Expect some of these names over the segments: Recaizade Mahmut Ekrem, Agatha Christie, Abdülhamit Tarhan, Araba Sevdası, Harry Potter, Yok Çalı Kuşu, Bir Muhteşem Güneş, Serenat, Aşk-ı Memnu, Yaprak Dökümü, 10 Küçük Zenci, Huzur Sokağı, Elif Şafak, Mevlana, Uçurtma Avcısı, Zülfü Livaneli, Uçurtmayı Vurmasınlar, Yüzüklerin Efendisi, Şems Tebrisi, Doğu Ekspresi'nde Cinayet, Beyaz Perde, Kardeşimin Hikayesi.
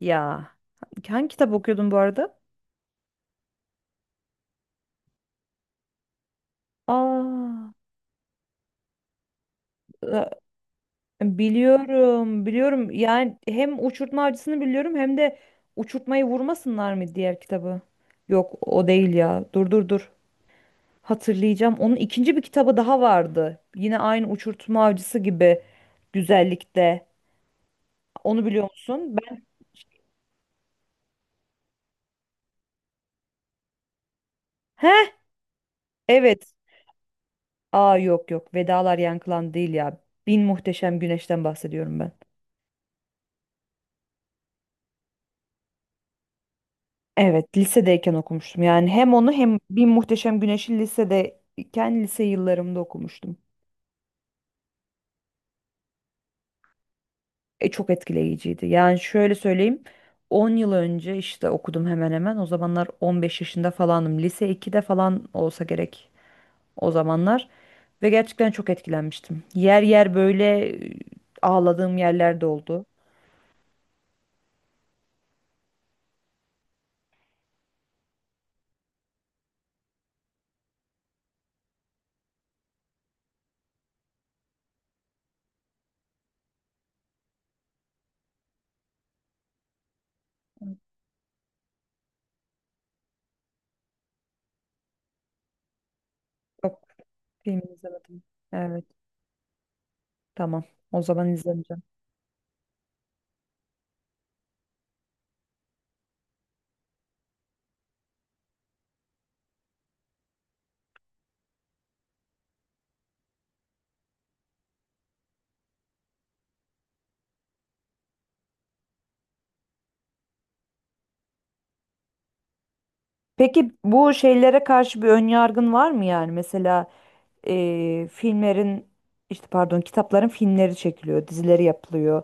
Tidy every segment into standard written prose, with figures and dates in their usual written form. Ya hangi kitap okuyordun bu arada? Aa, biliyorum, biliyorum. Yani hem Uçurtma Avcısı'nı biliyorum hem de Uçurtmayı Vurmasınlar mı diğer kitabı? Yok, o değil ya. Dur dur dur. Hatırlayacağım. Onun ikinci bir kitabı daha vardı. Yine aynı Uçurtma Avcısı gibi güzellikte. Onu biliyor musun? Ben heh, evet. Aa yok yok. Vedalar Yankılan değil ya. Bin Muhteşem Güneş'ten bahsediyorum ben. Evet, lisedeyken okumuştum. Yani hem onu hem Bir Muhteşem Güneş'i lisedeyken lise yıllarımda okumuştum. E, çok etkileyiciydi. Yani şöyle söyleyeyim. 10 yıl önce işte okudum hemen hemen. O zamanlar 15 yaşında falanım. Lise 2'de falan olsa gerek o zamanlar. Ve gerçekten çok etkilenmiştim. Yer yer böyle ağladığım yerler de oldu. Yok, film izlemedim. Evet, tamam. O zaman izlemeyeceğim. Peki bu şeylere karşı bir ön yargın var mı yani? Mesela filmlerin işte pardon kitapların filmleri çekiliyor, dizileri yapılıyor.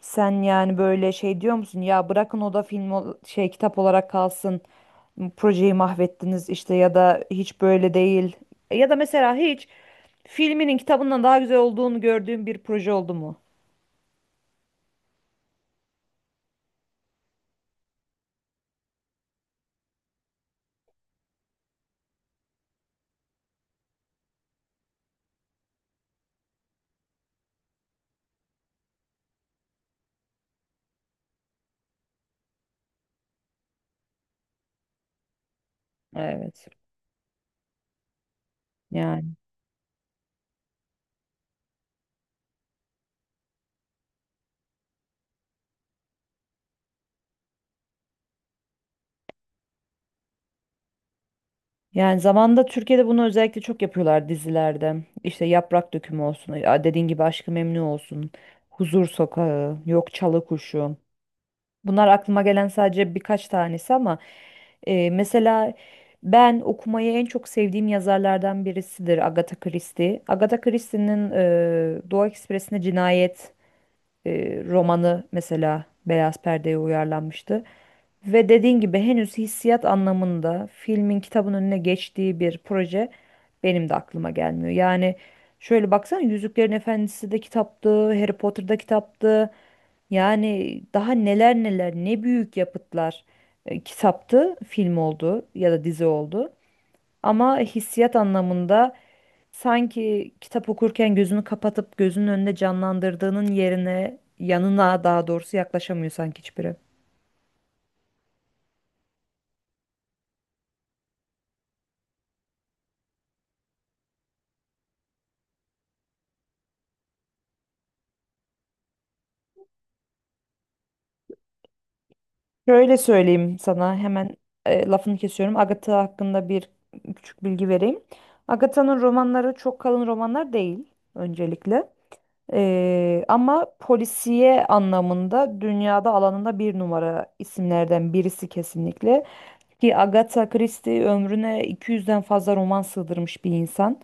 Sen yani böyle şey diyor musun? Ya bırakın o da şey kitap olarak kalsın. Projeyi mahvettiniz işte ya da hiç böyle değil. Ya da mesela hiç filminin kitabından daha güzel olduğunu gördüğün bir proje oldu mu? Evet. Yani yani zamanda Türkiye'de bunu özellikle çok yapıyorlar dizilerde. İşte Yaprak Dökümü olsun, ya dediğin gibi Aşk-ı Memnu olsun, Huzur Sokağı, Yok Çalı Kuşu. Bunlar aklıma gelen sadece birkaç tanesi ama mesela ben okumayı en çok sevdiğim yazarlardan birisidir Agatha Christie. Agatha Christie'nin Doğu Ekspresi'nde Cinayet romanı mesela Beyaz Perde'ye uyarlanmıştı. Ve dediğin gibi henüz hissiyat anlamında filmin kitabın önüne geçtiği bir proje benim de aklıma gelmiyor. Yani şöyle baksana Yüzüklerin Efendisi de kitaptı, Harry Potter'da kitaptı. Yani daha neler neler ne büyük yapıtlar kitaptı, film oldu ya da dizi oldu. Ama hissiyat anlamında sanki kitap okurken gözünü kapatıp gözünün önünde canlandırdığının yerine yanına daha doğrusu yaklaşamıyor sanki hiçbiri. Şöyle söyleyeyim sana hemen lafını kesiyorum. Agatha hakkında bir küçük bilgi vereyim. Agatha'nın romanları çok kalın romanlar değil öncelikle. Ama polisiye anlamında dünyada alanında bir numara isimlerden birisi kesinlikle. Ki Agatha Christie ömrüne 200'den fazla roman sığdırmış bir insan.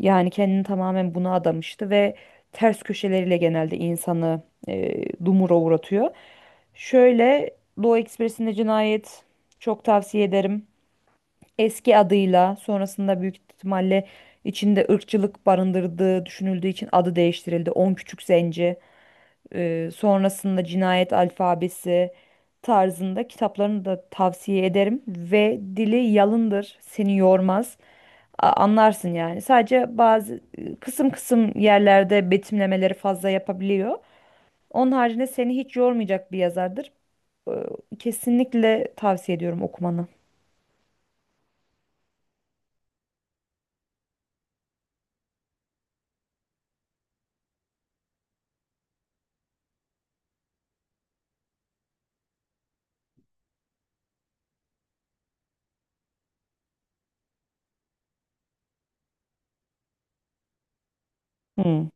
Yani kendini tamamen buna adamıştı ve ters köşeleriyle genelde insanı dumura uğratıyor. Şöyle Doğu Ekspresi'nde Cinayet çok tavsiye ederim. Eski adıyla sonrasında büyük ihtimalle içinde ırkçılık barındırdığı düşünüldüğü için adı değiştirildi. 10 Küçük Zenci. Sonrasında cinayet alfabesi tarzında kitaplarını da tavsiye ederim ve dili yalındır, seni yormaz. Anlarsın yani. Sadece bazı kısım kısım yerlerde betimlemeleri fazla yapabiliyor. Onun haricinde seni hiç yormayacak bir yazardır. Kesinlikle tavsiye ediyorum okumanı. Hmm,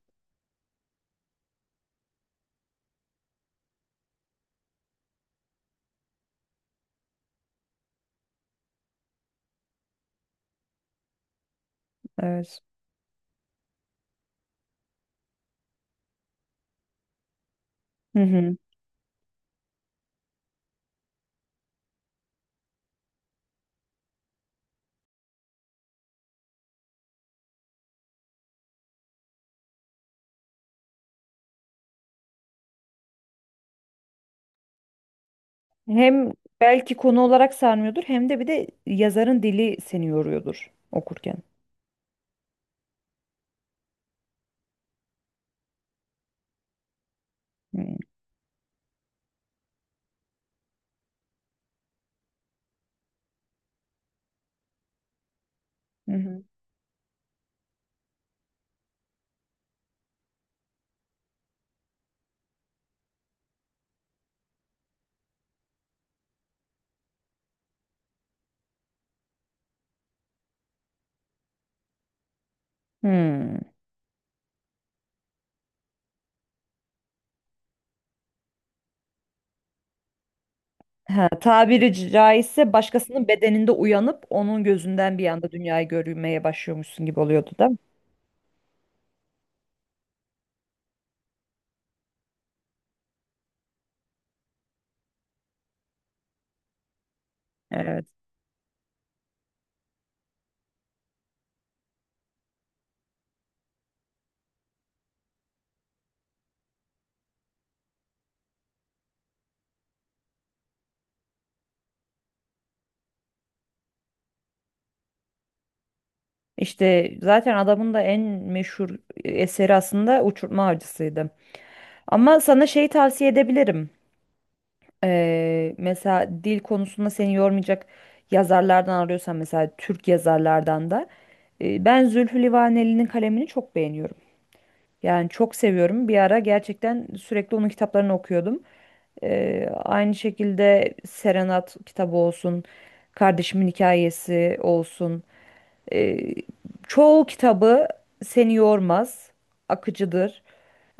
evet. Hı hı. Hem belki konu olarak sarmıyordur hem de bir de yazarın dili seni yoruyordur okurken. Hmm, hı hı. Hmm. Ha, tabiri caizse başkasının bedeninde uyanıp onun gözünden bir anda dünyayı görmeye başlıyormuşsun gibi oluyordu değil mi? Evet. İşte zaten adamın da en meşhur eseri aslında Uçurtma Avcısı'ydı. Ama sana şey tavsiye edebilirim. Mesela dil konusunda seni yormayacak yazarlardan arıyorsan mesela Türk yazarlardan da ben Zülfü Livaneli'nin kalemini çok beğeniyorum. Yani çok seviyorum. Bir ara gerçekten sürekli onun kitaplarını okuyordum. Aynı şekilde Serenat kitabı olsun, Kardeşimin Hikayesi olsun. Ee, çoğu kitabı seni yormaz, akıcıdır.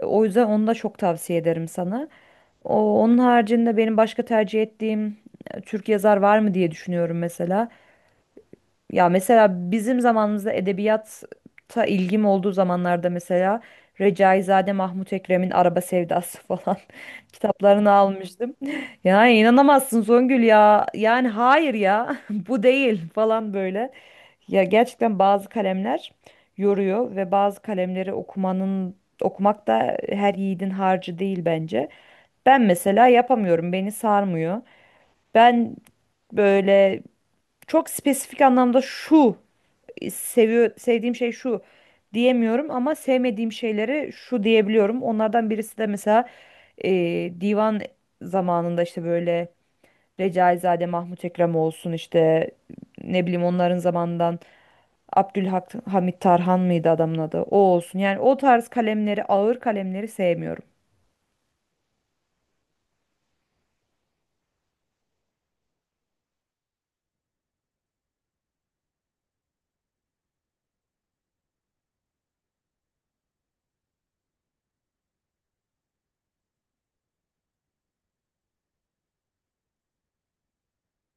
O yüzden onu da çok tavsiye ederim sana. Onun haricinde benim başka tercih ettiğim Türk yazar var mı diye düşünüyorum mesela. Ya mesela bizim zamanımızda edebiyata ilgim olduğu zamanlarda mesela Recaizade Mahmut Ekrem'in Araba Sevdası falan kitaplarını almıştım. Ya inanamazsın Songül ya. Yani hayır ya, bu değil falan böyle. Ya gerçekten bazı kalemler yoruyor ve bazı kalemleri okumak da her yiğidin harcı değil bence. Ben mesela yapamıyorum. Beni sarmıyor. Ben böyle çok spesifik anlamda şu sevdiğim şey şu diyemiyorum ama sevmediğim şeyleri şu diyebiliyorum. Onlardan birisi de mesela e, divan zamanında işte böyle Recaizade, Mahmut Ekrem olsun işte ne bileyim onların zamanından Abdülhamit Tarhan mıydı adamın adı? O olsun. Yani o tarz kalemleri, ağır kalemleri sevmiyorum.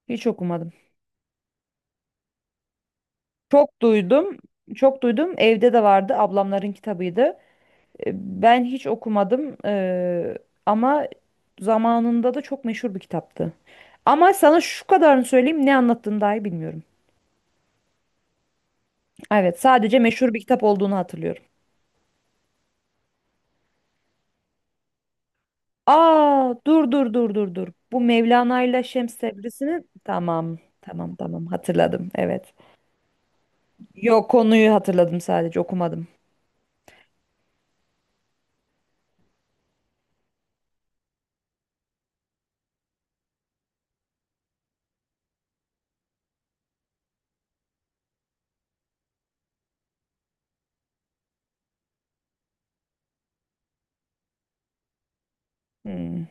Hiç okumadım. Çok duydum. Çok duydum. Evde de vardı. Ablamların kitabıydı. E, Ben hiç okumadım. Ama zamanında da çok meşhur bir kitaptı. Ama sana şu kadarını söyleyeyim ne anlattığını dahi bilmiyorum. Evet, sadece meşhur bir kitap olduğunu hatırlıyorum. Aa dur dur dur dur dur. Bu Mevlana ile Şems Tebrisi'nin tamam tamam tamam hatırladım evet. Yok konuyu hatırladım sadece okumadım. Hmm.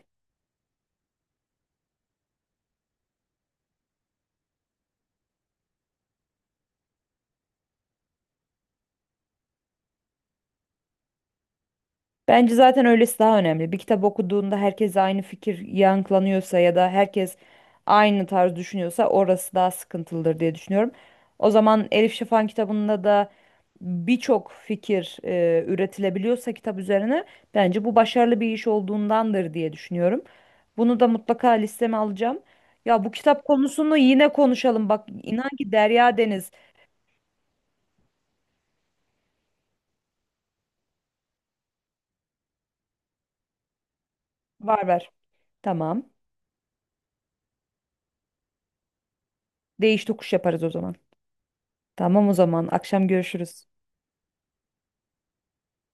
Bence zaten öylesi daha önemli. Bir kitap okuduğunda herkes aynı fikir yankılanıyorsa ya da herkes aynı tarz düşünüyorsa orası daha sıkıntılıdır diye düşünüyorum. O zaman Elif Şafak'ın kitabında da birçok fikir üretilebiliyorsa kitap üzerine bence bu başarılı bir iş olduğundandır diye düşünüyorum. Bunu da mutlaka listeme alacağım. Ya bu kitap konusunu yine konuşalım. Bak inan ki Derya Deniz var ver. Tamam. Değiş tokuş yaparız o zaman. Tamam o zaman. Akşam görüşürüz.